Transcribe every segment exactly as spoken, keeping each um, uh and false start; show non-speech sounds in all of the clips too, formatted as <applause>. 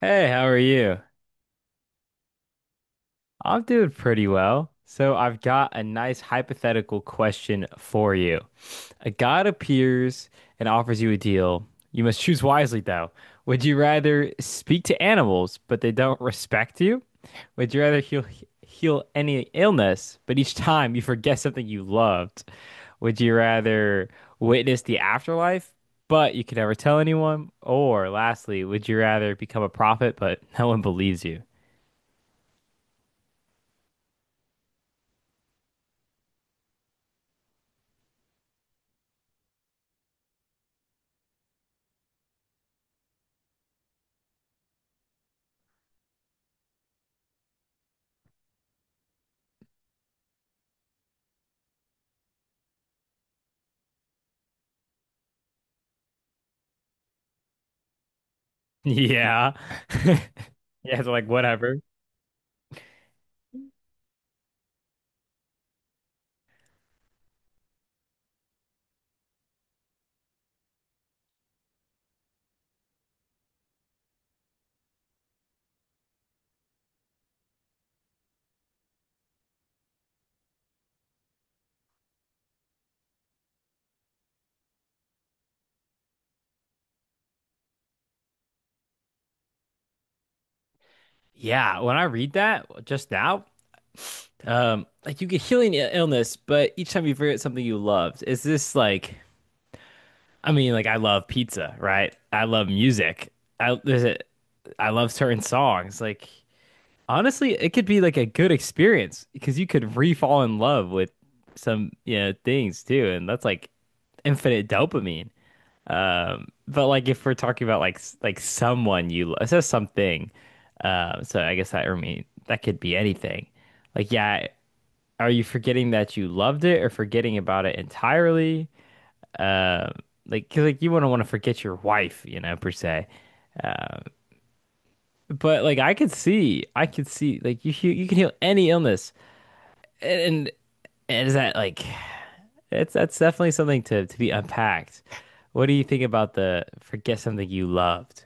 Hey, how are you? I'm doing pretty well. So, I've got a nice hypothetical question for you. A god appears and offers you a deal. You must choose wisely, though. Would you rather speak to animals, but they don't respect you? Would you rather heal heal any illness, but each time you forget something you loved? Would you rather witness the afterlife, but you can never tell anyone? Or lastly, would you rather become a prophet, but no one believes you? Yeah. <laughs> Yeah, so like whatever. Yeah, when I read that just now, um, like you get healing i- illness, but each time you forget something you loved, is this like, I mean, like I love pizza, right? I love music. I there's a, I love certain songs. Like honestly, it could be like a good experience because you could re-fall in love with some, you know, things too, and that's like infinite dopamine. Um, but like if we're talking about like s- like someone you love, it says something. Um, so I guess that I mean that could be anything. Like yeah, are you forgetting that you loved it or forgetting about it entirely? Um, like 'cause, like you wouldn't want to forget your wife, you know, per se. Um, but like I could see, I could see like you he- you can heal any illness, and, and is that like it's that's definitely something to to be unpacked. What do you think about the forget something you loved?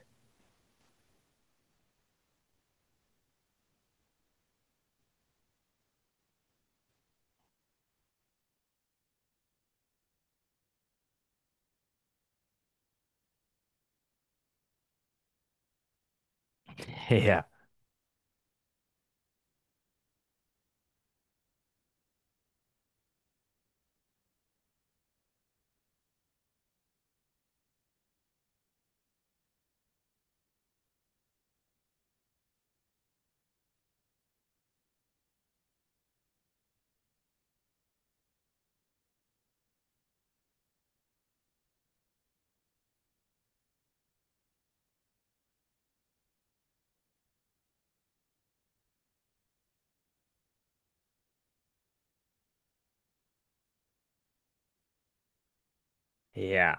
<laughs> Yeah. Yeah.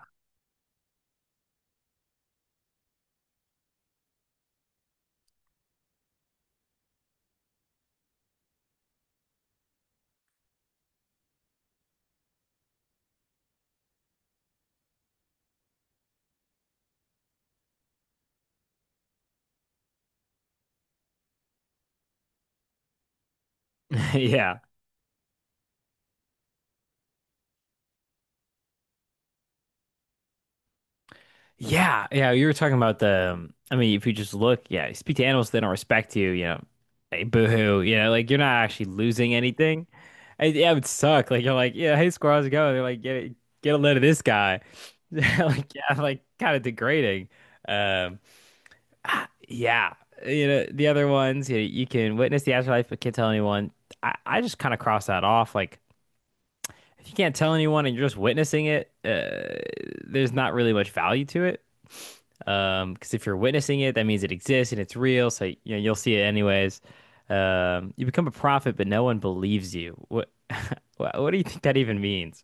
<laughs> Yeah. Yeah. Yeah. You were talking about the, um, I mean, if you just look, yeah, you speak to animals, they don't respect you, you know, hey, boo-hoo, you know, like you're not actually losing anything. And, yeah, it would suck. Like you're like, yeah, hey, squirrel, how's it going? They're like, get get a load of this guy. <laughs> Like, yeah, like kind of degrading. Um, ah, yeah. You know, the other ones, you, you can witness the afterlife, but can't tell anyone. I, I just kind of cross that off. Like, if you can't tell anyone and you're just witnessing it, uh, there's not really much value to it. Um, because if you're witnessing it, that means it exists and it's real, so you know you'll see it anyways. Um, you become a prophet, but no one believes you. What, <laughs> what, do you think that even means?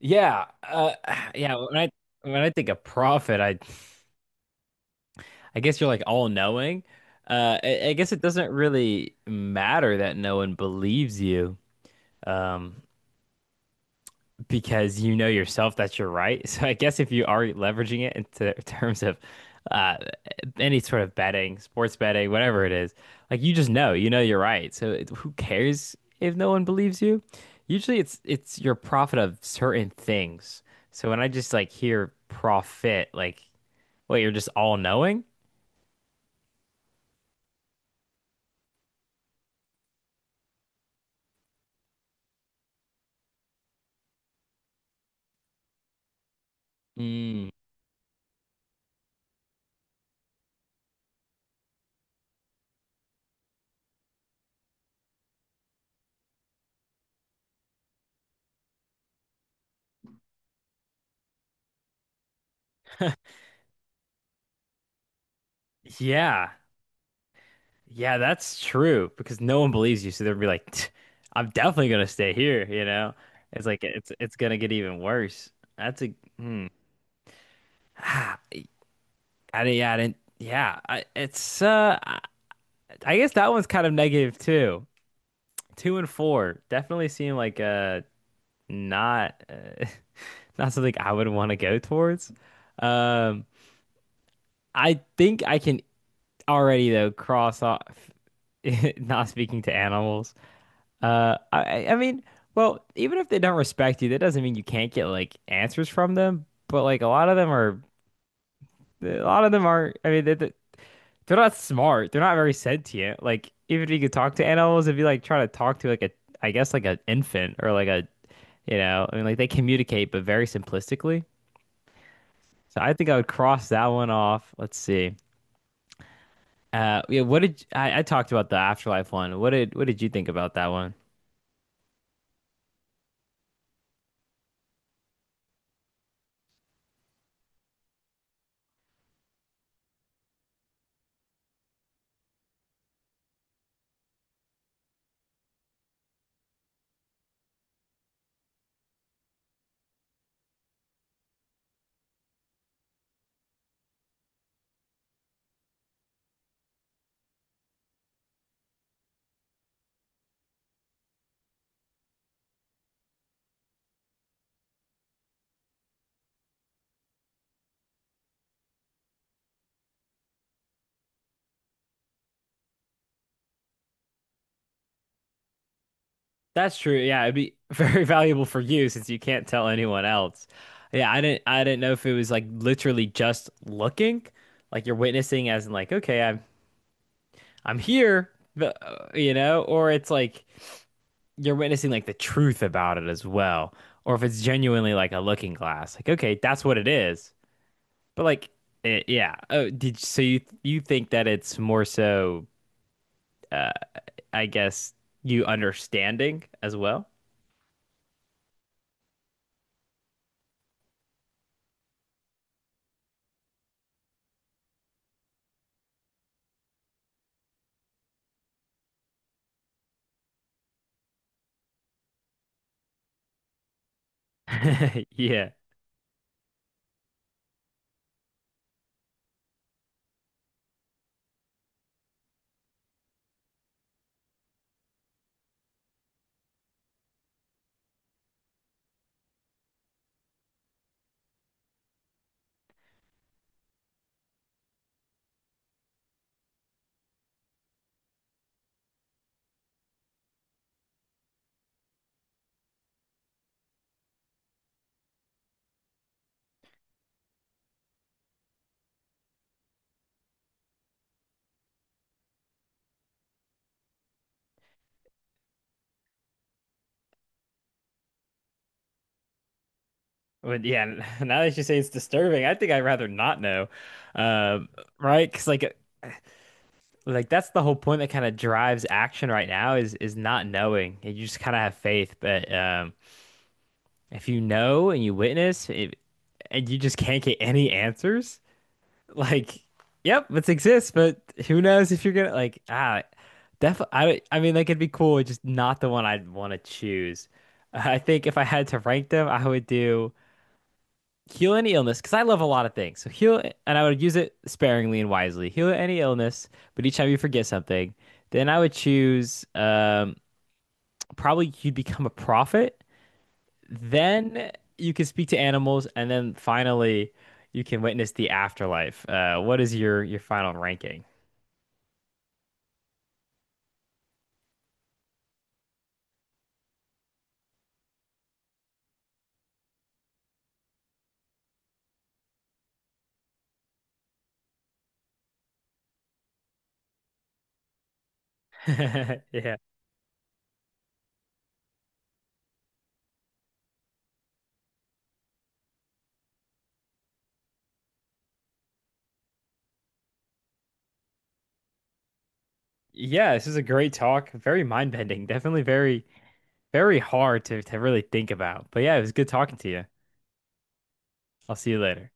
Yeah, uh, <sighs> Yeah, when I when I think of prophet, I I guess you're like all knowing. Uh, I, I guess it doesn't really matter that no one believes you. Um, because you know yourself that you're right. <laughs> So I guess if you are leveraging it into <laughs> terms of uh, any sort of betting, sports betting, whatever it is, like you just know, you know you're right. So it, who cares if no one believes you? Usually it's it's your profit of certain things. So when I just like hear profit, like, wait, you're just all knowing? Mm. Yeah, Yeah, that's true because no one believes you, so they'll be like, "Tch, I'm definitely gonna stay here," you know? It's like it's it's gonna get even worse. That's a hmm. Ah, I didn't, yeah, I didn't, yeah. I, it's uh, I I guess that one's kind of negative too. Two and four definitely seem like uh not uh, <laughs> not something I would want to go towards. Um, I think I can already though cross off <laughs> not speaking to animals. Uh, I I mean, well, even if they don't respect you, that doesn't mean you can't get like answers from them. But like a lot of them are, a lot of them are. I mean, they they- they're not smart. They're not very sentient. Like even if you could talk to animals, if you like try to talk to like a, I guess like an infant or like a, you know, I mean like they communicate but very simplistically. So I think I would cross that one off. Let's see. Uh, yeah, what did I, I talked about the afterlife one? What did what did you think about that one? That's true. Yeah, it'd be <laughs> very valuable for you since you can't tell anyone else. Yeah, I didn't I didn't know if it was like literally just looking, like you're witnessing as in like, okay, I'm I'm here, but uh, you know, or it's like you're witnessing like the truth about it as well, or if it's genuinely like a looking glass. Like, okay, that's what it is. But like it, yeah. Oh, did so you you think that it's more so uh I guess you understanding as well? <laughs> Yeah. But yeah, <laughs> now that you say it's disturbing, I think I'd rather not know. Um, right? 'Cause like like that's the whole point that kind of drives action right now is is not knowing. And you just kind of have faith, but um if you know and you witness it, and you just can't get any answers, like yep, it exists, but who knows if you're gonna like ah def I would- I mean like it'd be cool, it's just not the one I'd want to choose. I think if I had to rank them, I would do heal any illness because I love a lot of things. So heal, and I would use it sparingly and wisely. Heal any illness, but each time you forget something, then I would choose um, probably you'd become a prophet. Then you can speak to animals, and then finally you can witness the afterlife. Uh, what is your your final ranking? <laughs> Yeah. Yeah, this is a great talk. Very mind-bending. Definitely very, very hard to, to really think about. But yeah, it was good talking to you. I'll see you later.